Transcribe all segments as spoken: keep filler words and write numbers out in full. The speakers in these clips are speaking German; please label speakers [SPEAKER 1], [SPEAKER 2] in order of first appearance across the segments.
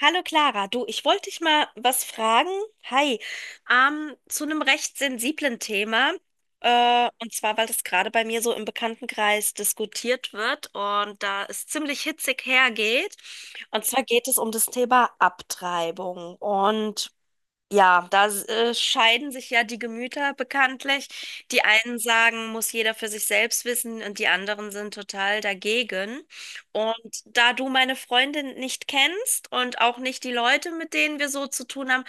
[SPEAKER 1] Hallo Clara, du, ich wollte dich mal was fragen. Hi, ähm, zu einem recht sensiblen Thema. Äh, und zwar, weil das gerade bei mir so im Bekanntenkreis diskutiert wird und da es ziemlich hitzig hergeht. Und zwar geht es um das Thema Abtreibung. Und ja, da äh, scheiden sich ja die Gemüter bekanntlich. Die einen sagen, muss jeder für sich selbst wissen und die anderen sind total dagegen. Und da du meine Freundin nicht kennst und auch nicht die Leute, mit denen wir so zu tun haben,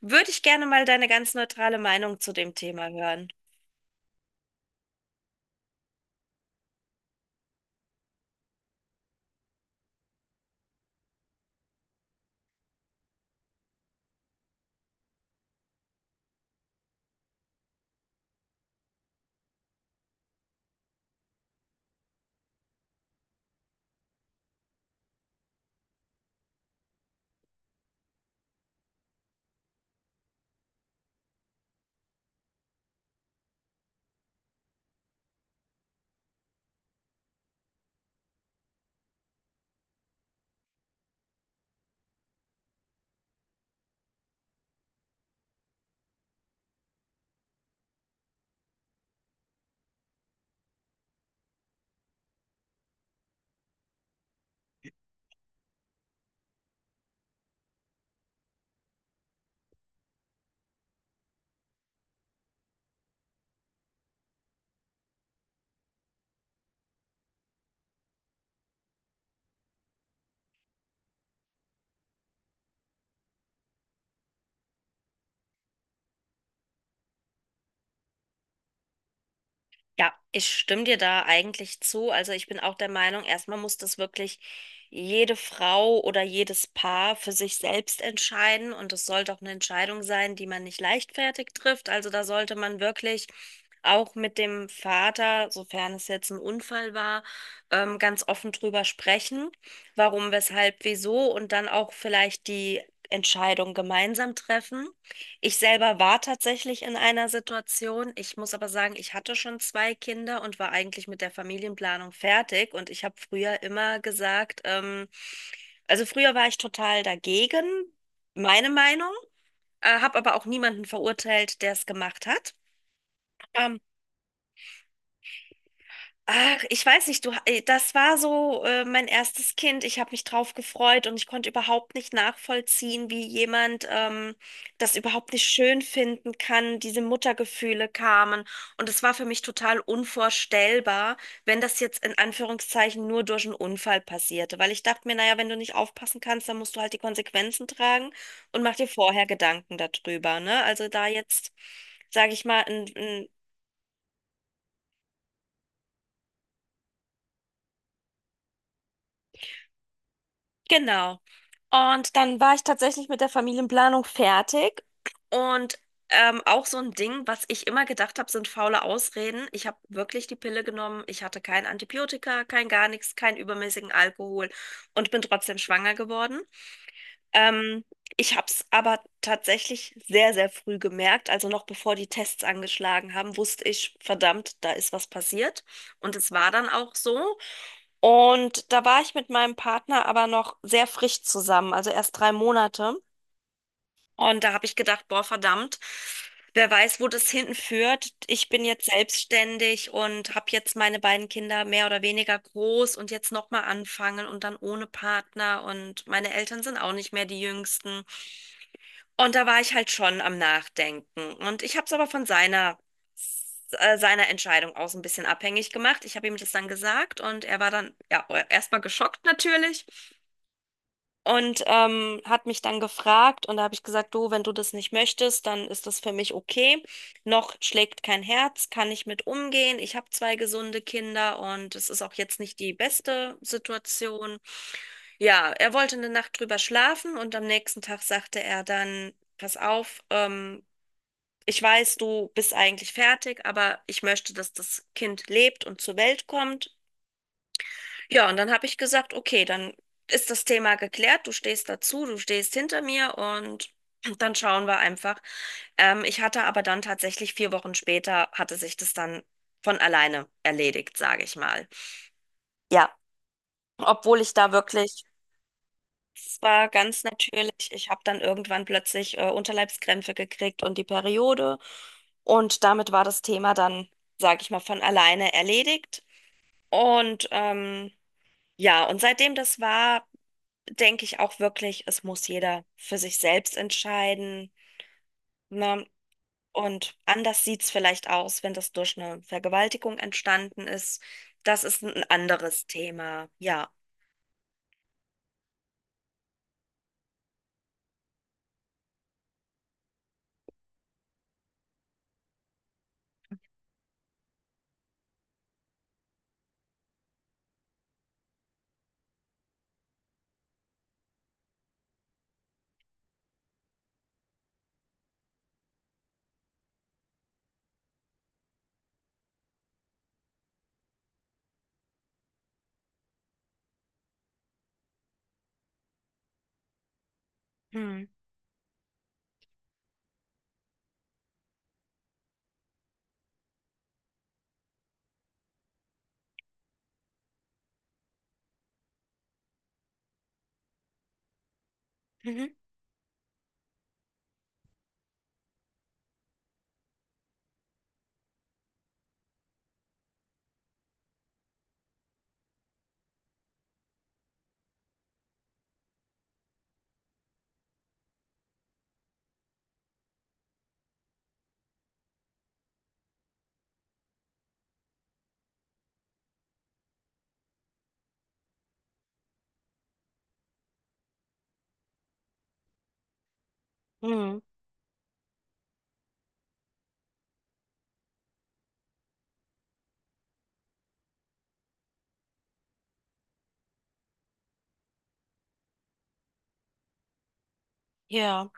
[SPEAKER 1] würde ich gerne mal deine ganz neutrale Meinung zu dem Thema hören. Ja, ich stimme dir da eigentlich zu. Also ich bin auch der Meinung, erstmal muss das wirklich jede Frau oder jedes Paar für sich selbst entscheiden. Und es sollte auch eine Entscheidung sein, die man nicht leichtfertig trifft. Also da sollte man wirklich auch mit dem Vater, sofern es jetzt ein Unfall war, ähm, ganz offen drüber sprechen, warum, weshalb, wieso und dann auch vielleicht die Entscheidung gemeinsam treffen. Ich selber war tatsächlich in einer Situation. Ich muss aber sagen, ich hatte schon zwei Kinder und war eigentlich mit der Familienplanung fertig. Und ich habe früher immer gesagt, ähm, also früher war ich total dagegen, meine Meinung, äh, habe aber auch niemanden verurteilt, der es gemacht hat. Ähm, Ach, ich weiß nicht, du, äh, das war so äh, mein erstes Kind. Ich habe mich drauf gefreut und ich konnte überhaupt nicht nachvollziehen, wie jemand ähm, das überhaupt nicht schön finden kann. Diese Muttergefühle kamen und es war für mich total unvorstellbar, wenn das jetzt in Anführungszeichen nur durch einen Unfall passierte, weil ich dachte mir, naja, wenn du nicht aufpassen kannst, dann musst du halt die Konsequenzen tragen und mach dir vorher Gedanken darüber, ne? Also da jetzt sage ich mal, ein, genau. Und dann war ich tatsächlich mit der Familienplanung fertig. Und ähm, auch so ein Ding, was ich immer gedacht habe, sind faule Ausreden. Ich habe wirklich die Pille genommen. Ich hatte kein Antibiotika, kein gar nichts, keinen übermäßigen Alkohol und bin trotzdem schwanger geworden. Ähm, ich habe es aber tatsächlich sehr, sehr früh gemerkt. Also noch bevor die Tests angeschlagen haben, wusste ich, verdammt, da ist was passiert. Und es war dann auch so. Und da war ich mit meinem Partner aber noch sehr frisch zusammen, also erst drei Monate. Und da habe ich gedacht, boah, verdammt, wer weiß, wo das hinten führt. Ich bin jetzt selbstständig und habe jetzt meine beiden Kinder mehr oder weniger groß und jetzt nochmal anfangen und dann ohne Partner. Und meine Eltern sind auch nicht mehr die Jüngsten. Und da war ich halt schon am Nachdenken. Und ich habe es aber von seiner, äh, seiner Entscheidung aus ein bisschen abhängig gemacht. Ich habe ihm das dann gesagt und er war dann ja erstmal geschockt natürlich und ähm, hat mich dann gefragt. Und da habe ich gesagt, du, wenn du das nicht möchtest, dann ist das für mich okay. Noch schlägt kein Herz, kann ich mit umgehen. Ich habe zwei gesunde Kinder und es ist auch jetzt nicht die beste Situation. Ja, er wollte eine Nacht drüber schlafen und am nächsten Tag sagte er dann, pass auf, ähm, ich weiß, du bist eigentlich fertig, aber ich möchte, dass das Kind lebt und zur Welt kommt. Ja, und dann habe ich gesagt, okay, dann ist das Thema geklärt, du stehst dazu, du stehst hinter mir und dann schauen wir einfach. Ähm, ich hatte aber dann tatsächlich vier Wochen später, hatte sich das dann von alleine erledigt, sage ich mal. Ja, obwohl ich da wirklich... Es war ganz natürlich. Ich habe dann irgendwann plötzlich äh, Unterleibskrämpfe gekriegt und die Periode. Und damit war das Thema dann, sage ich mal, von alleine erledigt. Und ähm, ja, und seitdem das war, denke ich auch wirklich, es muss jeder für sich selbst entscheiden. Ne? Und anders sieht es vielleicht aus, wenn das durch eine Vergewaltigung entstanden ist. Das ist ein anderes Thema. Ja. Hm. Mhm. Mhm. Ja.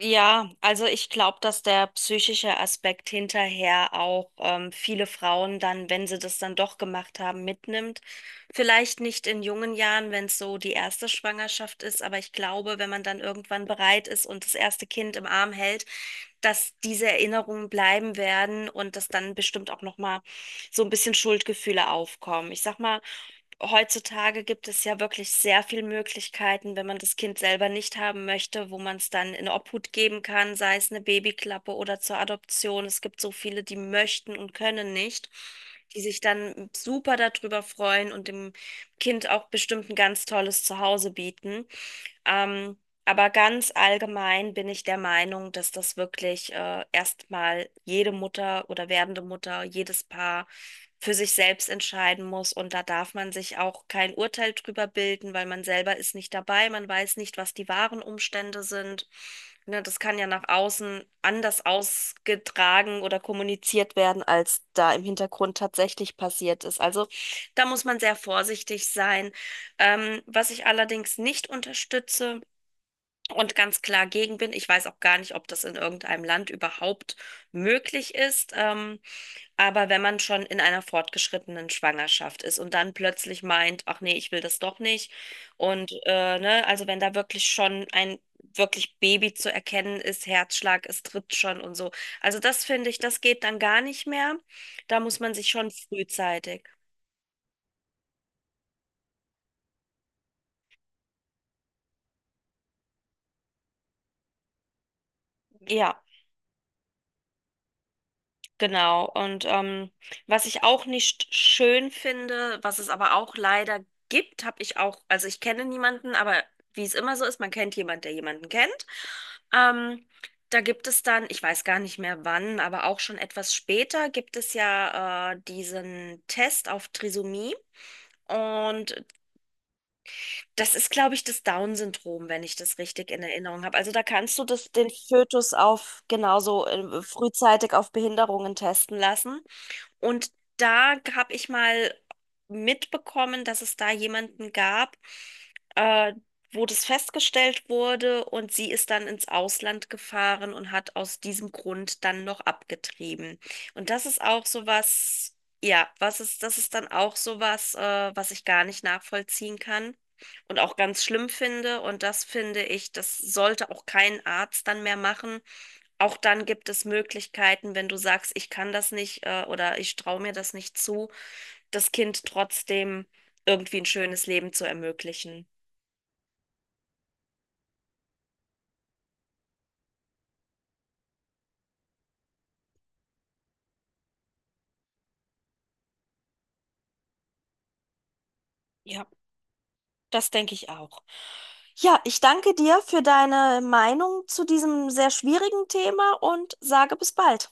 [SPEAKER 1] Ja, also ich glaube, dass der psychische Aspekt hinterher auch ähm, viele Frauen dann, wenn sie das dann doch gemacht haben, mitnimmt. Vielleicht nicht in jungen Jahren, wenn es so die erste Schwangerschaft ist, aber ich glaube, wenn man dann irgendwann bereit ist und das erste Kind im Arm hält, dass diese Erinnerungen bleiben werden und dass dann bestimmt auch noch mal so ein bisschen Schuldgefühle aufkommen. Ich sag mal, heutzutage gibt es ja wirklich sehr viele Möglichkeiten, wenn man das Kind selber nicht haben möchte, wo man es dann in Obhut geben kann, sei es eine Babyklappe oder zur Adoption. Es gibt so viele, die möchten und können nicht, die sich dann super darüber freuen und dem Kind auch bestimmt ein ganz tolles Zuhause bieten. Ähm, aber ganz allgemein bin ich der Meinung, dass das wirklich äh, erstmal jede Mutter oder werdende Mutter, jedes Paar für sich selbst entscheiden muss. Und da darf man sich auch kein Urteil drüber bilden, weil man selber ist nicht dabei. Man weiß nicht, was die wahren Umstände sind. Ne, das kann ja nach außen anders ausgetragen oder kommuniziert werden, als da im Hintergrund tatsächlich passiert ist. Also da muss man sehr vorsichtig sein. Ähm, was ich allerdings nicht unterstütze und ganz klar gegen bin, ich weiß auch gar nicht, ob das in irgendeinem Land überhaupt möglich ist, ähm, aber wenn man schon in einer fortgeschrittenen Schwangerschaft ist und dann plötzlich meint, ach nee, ich will das doch nicht und äh, ne, also wenn da wirklich schon ein wirklich Baby zu erkennen ist, Herzschlag, es tritt schon und so. Also das finde ich, das geht dann gar nicht mehr. Da muss man sich schon frühzeitig. Ja. Genau, und ähm, was ich auch nicht schön finde, was es aber auch leider gibt, habe ich auch, also ich kenne niemanden, aber wie es immer so ist, man kennt jemanden, der jemanden kennt. Ähm, da gibt es dann, ich weiß gar nicht mehr wann, aber auch schon etwas später gibt es ja äh, diesen Test auf Trisomie. Und das ist, glaube ich, das Down-Syndrom, wenn ich das richtig in Erinnerung habe. Also da kannst du das, den Fötus auf genauso äh, frühzeitig auf Behinderungen testen lassen. Und da habe ich mal mitbekommen, dass es da jemanden gab, äh, wo das festgestellt wurde und sie ist dann ins Ausland gefahren und hat aus diesem Grund dann noch abgetrieben. Und das ist auch sowas, ja, was ist, das ist dann auch sowas, äh, was ich gar nicht nachvollziehen kann und auch ganz schlimm finde. Und das finde ich, das sollte auch kein Arzt dann mehr machen, auch dann gibt es Möglichkeiten, wenn du sagst, ich kann das nicht äh, oder ich traue mir das nicht zu, das Kind trotzdem irgendwie ein schönes Leben zu ermöglichen. Ja, das denke ich auch. Ja, ich danke dir für deine Meinung zu diesem sehr schwierigen Thema und sage bis bald.